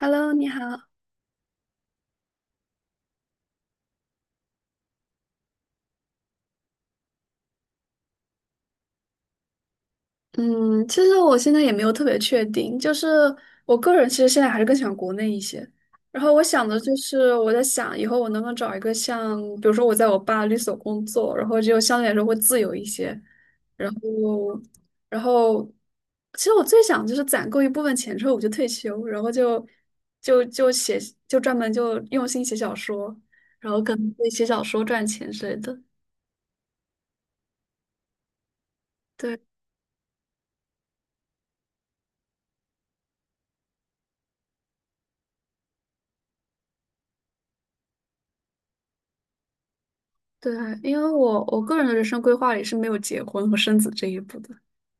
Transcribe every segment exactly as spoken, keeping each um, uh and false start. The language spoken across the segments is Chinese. Hello，你好。嗯，其实我现在也没有特别确定，就是我个人其实现在还是更喜欢国内一些。然后我想的就是，我在想以后我能不能找一个像，比如说我在我爸律所工作，然后就相对来说会自由一些。然后，然后，其实我最想就是攒够一部分钱之后我就退休，然后就就就写，就专门就用心写小说，然后可能会写小说赚钱之类的。对。对啊，因为我我个人的人生规划里是没有结婚和生子这一步的，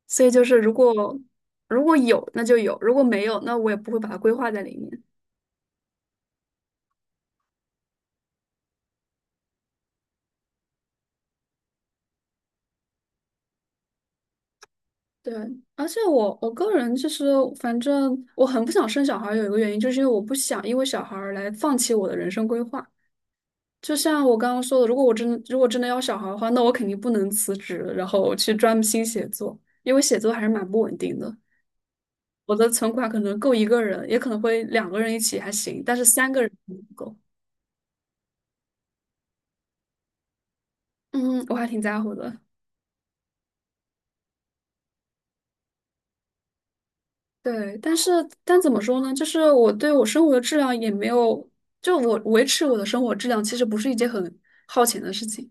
所以就是如果如果有那就有，如果没有那我也不会把它规划在里面。对，而且我我个人就是反正我很不想生小孩儿，有一个原因就是因为我不想因为小孩儿来放弃我的人生规划。就像我刚刚说的，如果我真的如果真的要小孩儿的话，那我肯定不能辞职，然后去专心写作，因为写作还是蛮不稳定的。我的存款可能够一个人，也可能会两个人一起还行，但是三个人不够。嗯，我还挺在乎的。对，但是但怎么说呢？就是我对我生活的质量也没有，就我维持我的生活质量，其实不是一件很耗钱的事情。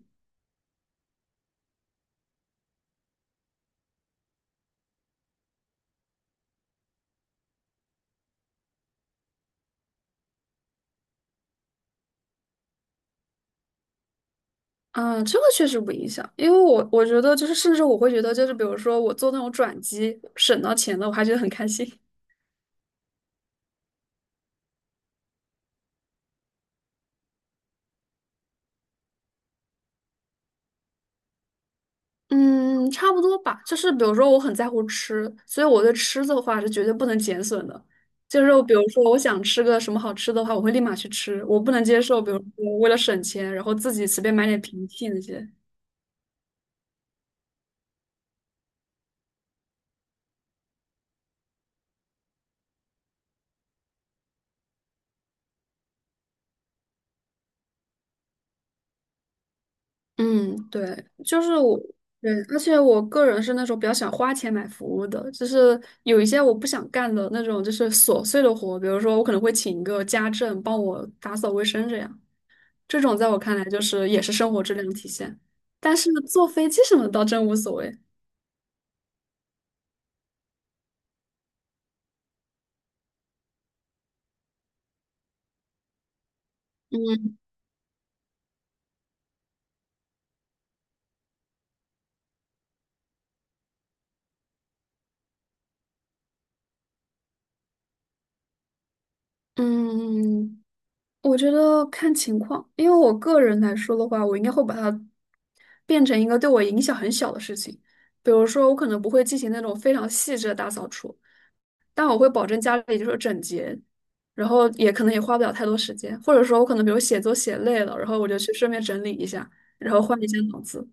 啊，这个确实不影响，因为我我觉得就是，甚至我会觉得就是，比如说我做那种转机省到钱了，我还觉得很开心。嗯，差不多吧。就是比如说，我很在乎吃，所以我对吃的话是绝对不能减损的。就是比如说，我想吃个什么好吃的话，我会立马去吃。我不能接受，比如说为了省钱，然后自己随便买点平替那些。嗯，对，就是我，对，而且我个人是那种比较喜欢花钱买服务的，就是有一些我不想干的那种，就是琐碎的活，比如说我可能会请一个家政帮我打扫卫生这样。这种在我看来就是也是生活质量的体现。但是坐飞机什么的倒真无所谓。嗯嗯，我觉得看情况，因为我个人来说的话，我应该会把它变成一个对我影响很小的事情。比如说，我可能不会进行那种非常细致的大扫除，但我会保证家里就是整洁，然后也可能也花不了太多时间。或者说，我可能比如写作写累了，然后我就去顺便整理一下，然后换一下脑子。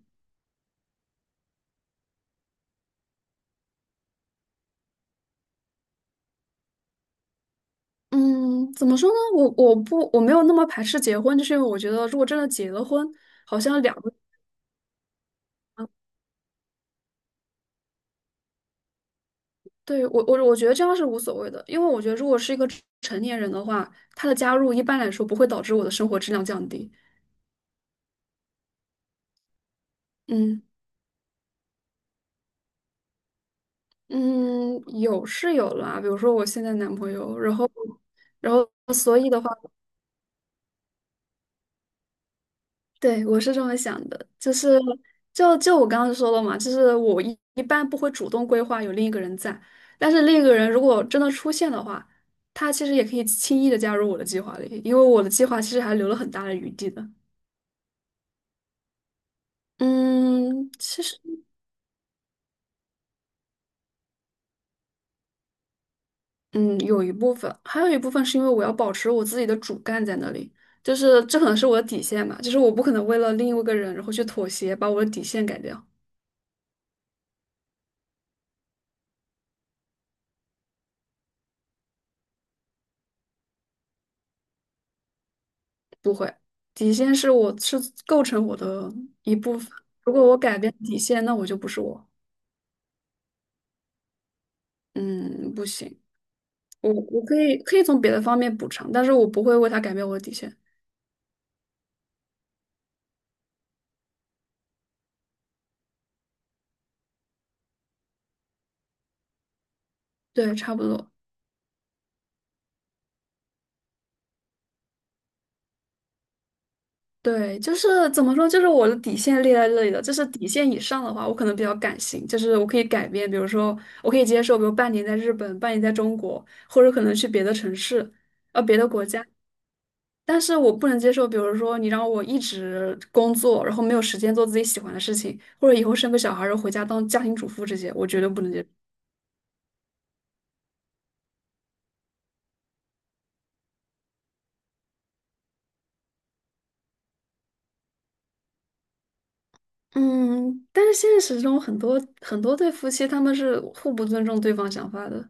嗯，怎么说呢？我我不我没有那么排斥结婚，就是因为我觉得如果真的结了婚，好像两个，对，我我我觉得这样是无所谓的，因为我觉得如果是一个成成年人的话，他的加入一般来说不会导致我的生活质量降低。嗯嗯，有是有啦，比如说我现在男朋友，然后然后所以的话。对，我是这么想的，就是就就我刚刚说了嘛，就是我一一般不会主动规划有另一个人在，但是另一个人如果真的出现的话，他其实也可以轻易的加入我的计划里，因为我的计划其实还留了很大的余地的。嗯，其实嗯有一部分，还有一部分是因为我要保持我自己的主干在那里，就是这可能是我的底线嘛，就是我不可能为了另一个人然后去妥协，把我的底线改掉。不会，底线是我是构成我的一部分。如果我改变底线，那我就不是我。嗯，不行，我我可以可以从别的方面补偿，但是我不会为他改变我的底线。对，差不多。对，就是怎么说，就是我的底线列在这里的，就是底线以上的话，我可能比较感性，就是我可以改变，比如说我可以接受，比如半年在日本，半年在中国，或者可能去别的城市，呃，别的国家。但是我不能接受，比如说你让我一直工作，然后没有时间做自己喜欢的事情，或者以后生个小孩儿然后回家当家庭主妇这些，我绝对不能接受。嗯，但是现实中很多很多对夫妻他们是互不尊重对方想法的。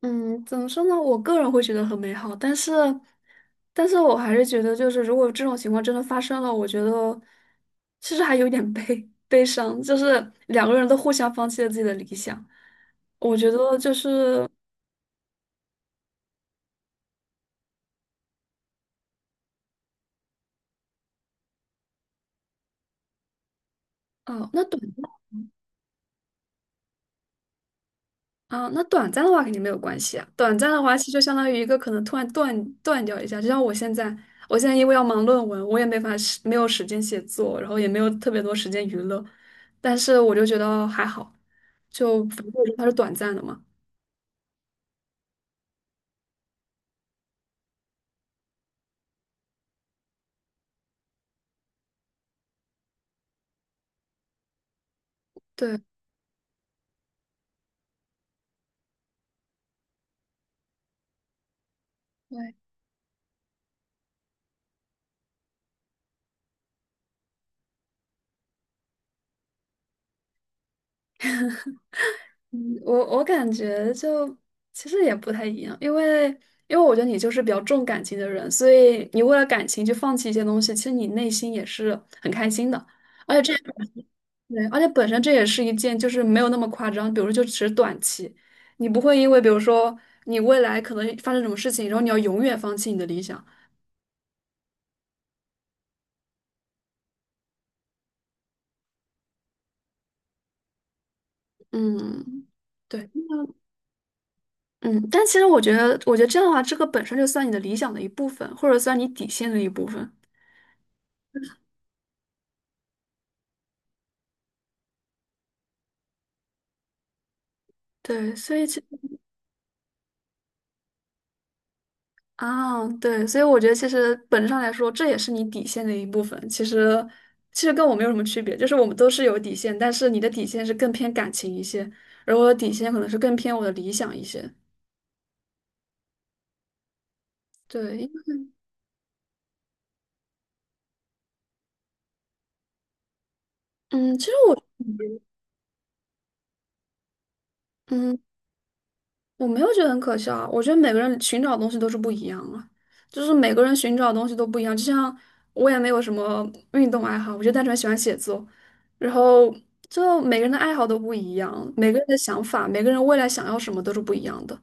嗯，怎么说呢？我个人会觉得很美好，但是，但是我还是觉得，就是如果这种情况真的发生了，我觉得其实还有点悲悲伤，就是两个人都互相放弃了自己的理想。我觉得就是，哦，那短。啊，那短暂的话肯定没有关系啊。短暂的话，其实就相当于一个可能突然断断掉一下，就像我现在，我现在因为要忙论文，我也没法时没有时间写作，然后也没有特别多时间娱乐，但是我就觉得还好，就反正它是短暂的嘛。对。对嗯我我感觉就其实也不太一样，因为因为我觉得你就是比较重感情的人，所以你为了感情去放弃一些东西，其实你内心也是很开心的，而且这对，而且本身这也是一件就是没有那么夸张，比如说就只是短期，你不会因为比如说你未来可能发生什么事情，然后你要永远放弃你的理想，嗯。对。嗯，但其实我觉得，我觉得这样的话，这个本身就算你的理想的一部分，或者算你底线的一部分。对，所以其啊，对，所以我觉得其实本质上来说，这也是你底线的一部分。其实，其实跟我没有什么区别，就是我们都是有底线，但是你的底线是更偏感情一些，而我的底线可能是更偏我的理想一些。对，嗯，其实我，嗯，我没有觉得很可笑啊，我觉得每个人寻找的东西都是不一样啊，就是每个人寻找的东西都不一样。就像我也没有什么运动爱好，我就单纯喜欢写作，然后就每个人的爱好都不一样，每个人的想法，每个人未来想要什么都是不一样的。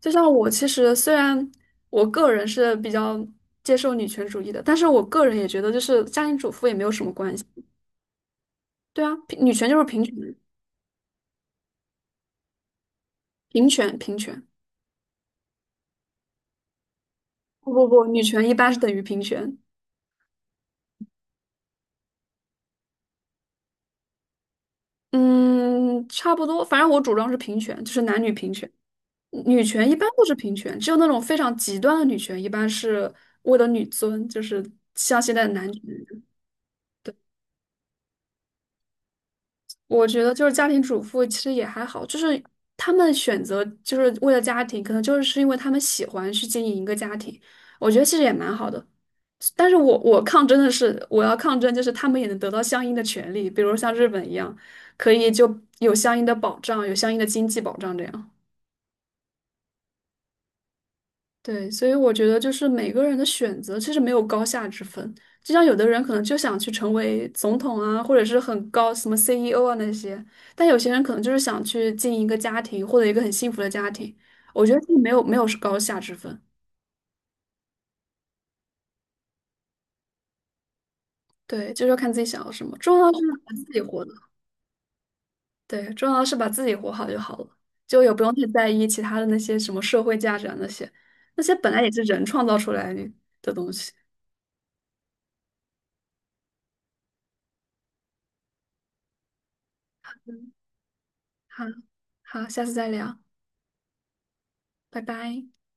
就像我其实虽然我个人是比较接受女权主义的，但是我个人也觉得就是家庭主妇也没有什么关系。对啊，平女权就是平权，平权，平权。不不不，女权一般是等于平权。嗯，差不多，反正我主张是平权，就是男女平权。女权一般都是平权，只有那种非常极端的女权，一般是为了女尊，就是像现在的男权。我觉得就是家庭主妇其实也还好，就是他们选择就是为了家庭，可能就是是因为他们喜欢去经营一个家庭，我觉得其实也蛮好的。但是我我抗争的是，我要抗争就是他们也能得到相应的权利，比如像日本一样，可以就有相应的保障，有相应的经济保障这样。对，所以我觉得就是每个人的选择其实没有高下之分，就像有的人可能就想去成为总统啊，或者是很高什么 C E O 啊那些，但有些人可能就是想去经营一个家庭，获得一个很幸福的家庭。我觉得这没有没有是高下之分，对，就是要看自己想要什么，重要的是把自己活的，对，重要的是把自己活好就好了，就也不用太在意其他的那些什么社会价值啊那些，那些本来也是人创造出来的东西。好，好，下次再聊，拜拜。